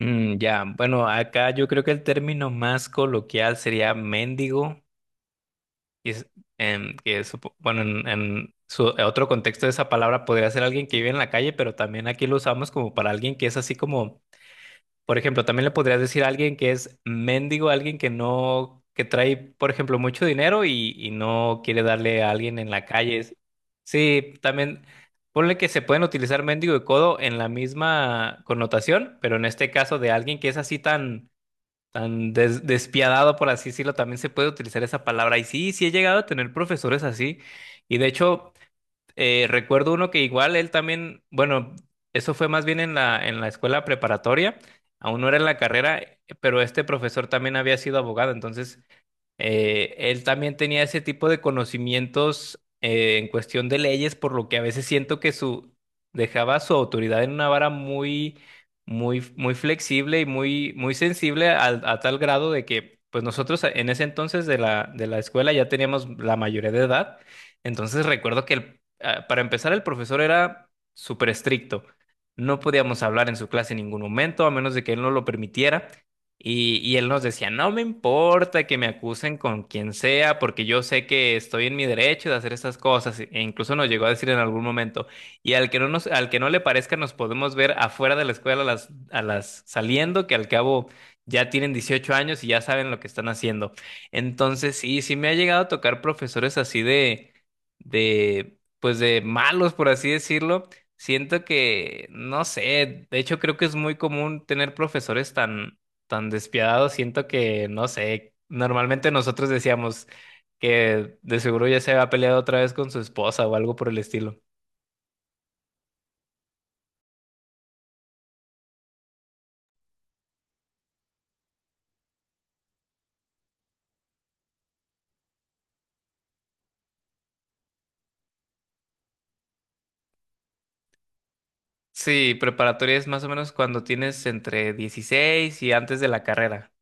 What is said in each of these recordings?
Mm, ya, bueno, acá yo creo que el término más coloquial sería mendigo, y es- que bueno, en su en otro contexto de esa palabra podría ser alguien que vive en la calle, pero también aquí lo usamos como para alguien que es así como, por ejemplo, también le podrías decir a alguien que es mendigo, alguien que no, que trae, por ejemplo, mucho dinero y no quiere darle a alguien en la calle. Es- Sí, también. Ponle que se pueden utilizar mendigo y codo en la misma connotación, pero en este caso de alguien que es así tan tan despiadado, por así decirlo, también se puede utilizar esa palabra. Y sí, sí he llegado a tener profesores así. Y de hecho, recuerdo uno que igual él también, bueno, eso fue más bien en la escuela preparatoria, aún no era en la carrera, pero este profesor también había sido abogado, entonces él también tenía ese tipo de conocimientos en cuestión de leyes, por lo que a veces siento que su dejaba su autoridad en una vara muy, muy, muy flexible y muy, muy sensible a, tal grado de que, pues nosotros en ese entonces de la escuela ya teníamos la mayoría de edad. Entonces recuerdo que para empezar el profesor era súper estricto. No podíamos hablar en su clase en ningún momento, a menos de que él no lo permitiera. Y él nos decía, no me importa que me acusen con quien sea, porque yo sé que estoy en mi derecho de hacer estas cosas. E incluso nos llegó a decir en algún momento, y al que no nos, al que no le parezca, nos podemos ver afuera de la escuela a las saliendo, que al cabo ya tienen 18 años y ya saben lo que están haciendo. Entonces, sí, sí me ha llegado a tocar profesores así de, pues de malos, por así decirlo. Siento que, no sé, de hecho creo que es muy común tener profesores tan tan despiadado, siento que, no sé, normalmente nosotros decíamos que de seguro ya se había peleado otra vez con su esposa o algo por el estilo. Sí, preparatoria es más o menos cuando tienes entre 16 y antes de la carrera.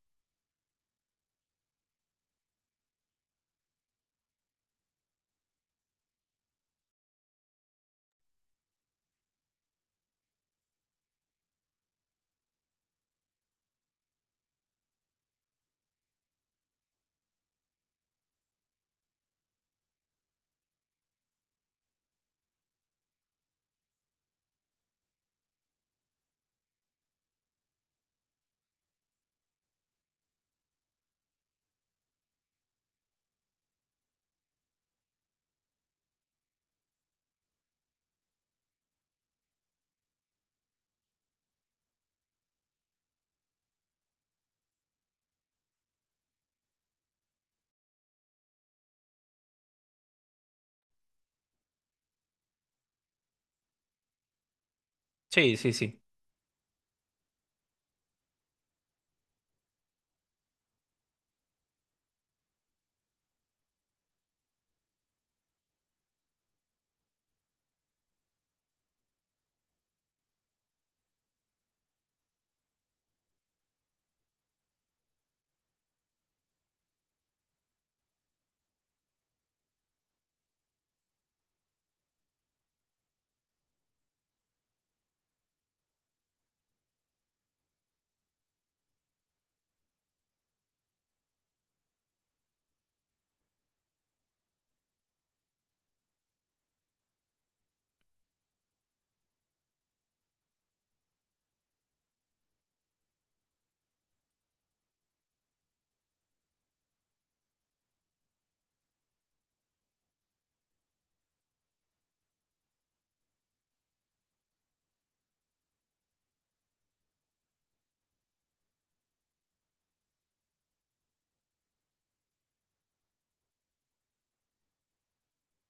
Sí, sí, sí.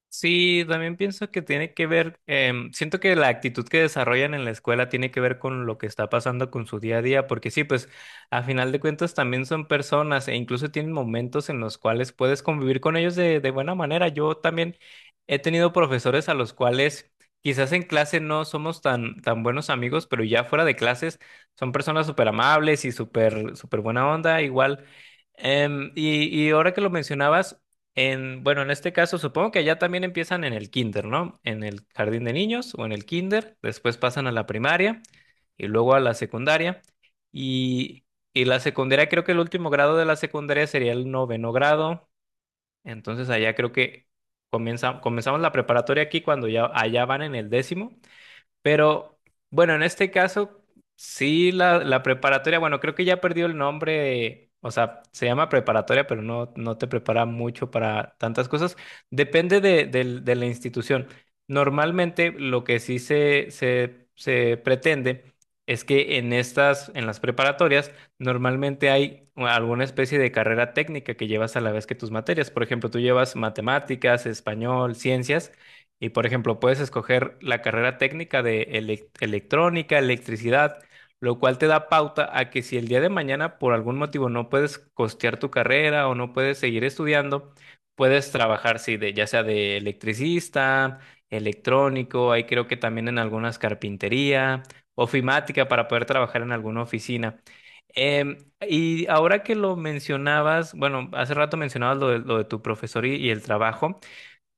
Sí, también pienso que tiene que ver, siento que la actitud que desarrollan en la escuela tiene que ver con lo que está pasando con su día a día, porque sí, pues a final de cuentas también son personas e incluso tienen momentos en los cuales puedes convivir con ellos de buena manera. Yo también he tenido profesores a los cuales quizás en clase no somos tan, tan buenos amigos, pero ya fuera de clases son personas súper amables y súper, súper buena onda, igual. Y ahora que lo mencionabas, en, bueno, en este caso supongo que allá también empiezan en el kinder, ¿no? En el jardín de niños o en el kinder, después pasan a la primaria y luego a la secundaria. Y, y la secundaria, creo que el último grado de la secundaria sería el noveno grado. Entonces allá creo que comenzamos la preparatoria aquí cuando ya allá van en el décimo. Pero bueno, en este caso, sí, la preparatoria, bueno, creo que ya perdió el nombre o sea, se llama preparatoria, pero no, no te prepara mucho para tantas cosas. Depende de la institución. Normalmente lo que sí se pretende es que en estas, en las preparatorias, normalmente hay alguna especie de carrera técnica que llevas a la vez que tus materias. Por ejemplo, tú llevas matemáticas, español, ciencias. Y por ejemplo, puedes escoger la carrera técnica de electrónica, electricidad, lo cual te da pauta a que si el día de mañana por algún motivo no puedes costear tu carrera o no puedes seguir estudiando, puedes trabajar, sí, de, ya sea de electricista, electrónico, ahí creo que también en algunas carpintería, ofimática para poder trabajar en alguna oficina. Em, y ahora que lo mencionabas, bueno, hace rato mencionabas lo de tu profesor y el trabajo.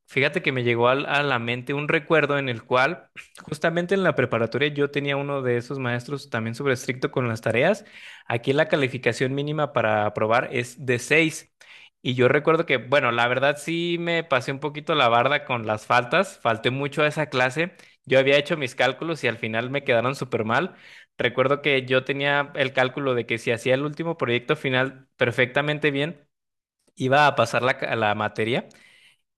Fíjate que me llegó a la mente un recuerdo en el cual justamente en la preparatoria yo tenía uno de esos maestros también sobre estricto con las tareas. Aquí la calificación mínima para aprobar es de 6. Y yo recuerdo que, bueno, la verdad sí me pasé un poquito la barda con las faltas, falté mucho a esa clase. Yo había hecho mis cálculos y al final me quedaron súper mal. Recuerdo que yo tenía el cálculo de que si hacía el último proyecto final perfectamente bien, iba a pasar la, la materia.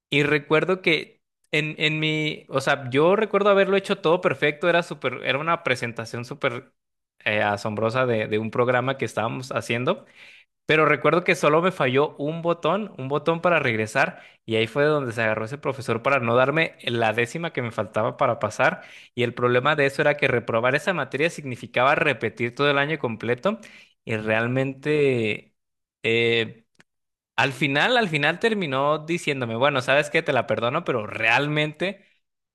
Y recuerdo que en mi, o sea, yo recuerdo haberlo hecho todo perfecto, era súper, era una presentación súper asombrosa de un programa que estábamos haciendo, pero recuerdo que solo me falló un botón para regresar, y ahí fue donde se agarró ese profesor para no darme la décima que me faltaba para pasar, y el problema de eso era que reprobar esa materia significaba repetir todo el año completo, y realmente... eh, al final terminó diciéndome, bueno, sabes qué, te la perdono, pero realmente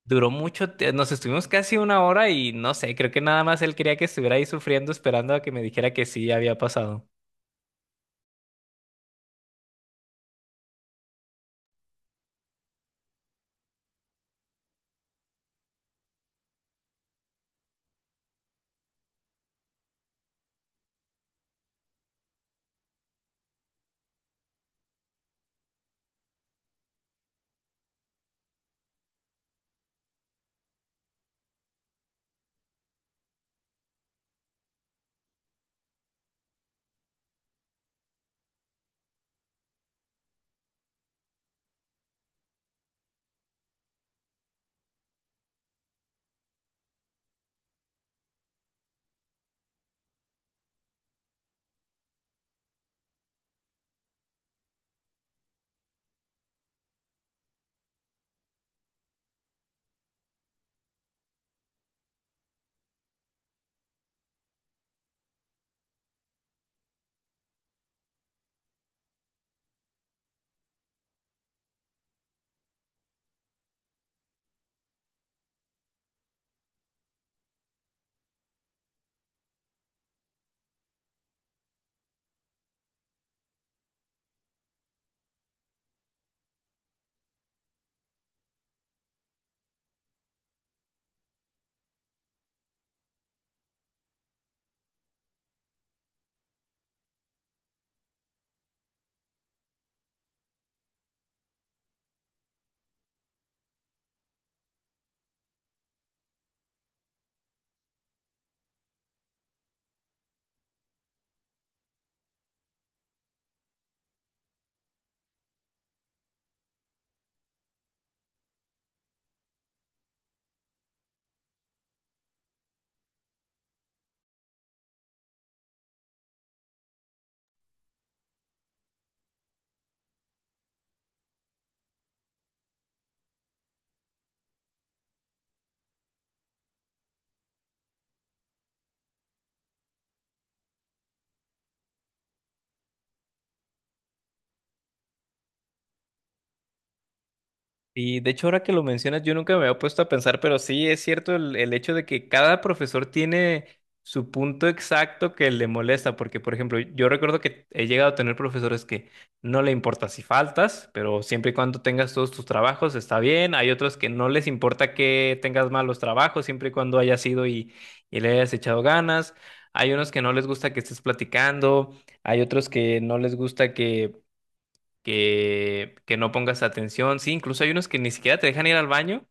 duró mucho, nos estuvimos casi 1 hora y no sé, creo que nada más él quería que estuviera ahí sufriendo, esperando a que me dijera que sí había pasado. Y de hecho, ahora que lo mencionas, yo nunca me había puesto a pensar, pero sí es cierto el hecho de que cada profesor tiene su punto exacto que le molesta, porque, por ejemplo, yo recuerdo que he llegado a tener profesores que no le importa si faltas, pero siempre y cuando tengas todos tus trabajos está bien. Hay otros que no les importa que tengas malos trabajos, siempre y cuando hayas ido y le hayas echado ganas. Hay unos que no les gusta que estés platicando, hay otros que no les gusta que que no pongas atención. Sí, incluso hay unos que ni siquiera te dejan ir al baño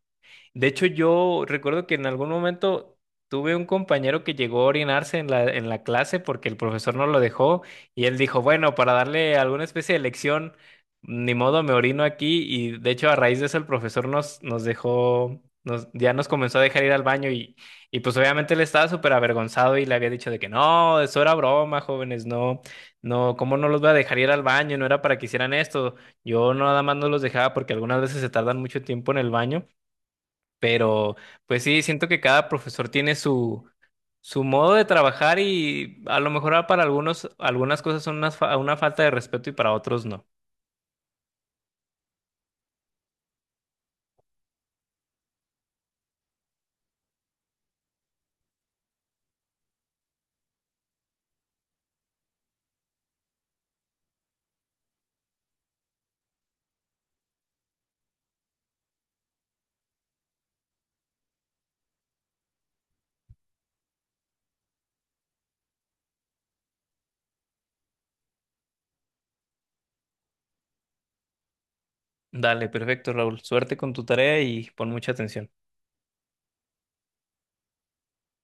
de hecho, yo recuerdo que en algún momento tuve un compañero que llegó a orinarse en la clase porque el profesor no lo dejó y él dijo, bueno, para darle alguna especie de lección, ni modo, me orino aquí y de hecho a raíz de eso el profesor nos, nos dejó, nos, ya nos comenzó a dejar ir al baño y pues obviamente él estaba súper avergonzado y le había dicho de que no, eso era broma, jóvenes, no, no, ¿cómo no los voy a dejar ir al baño? No era para que hicieran esto. Yo nada más no los dejaba porque algunas veces se tardan mucho tiempo en el baño. Pero, pues sí, siento que cada profesor tiene su, su modo de trabajar y a lo mejor para algunos, algunas cosas son una, una falta de respeto y para otros no. Dale, perfecto, Raúl. Suerte con tu tarea y pon mucha atención.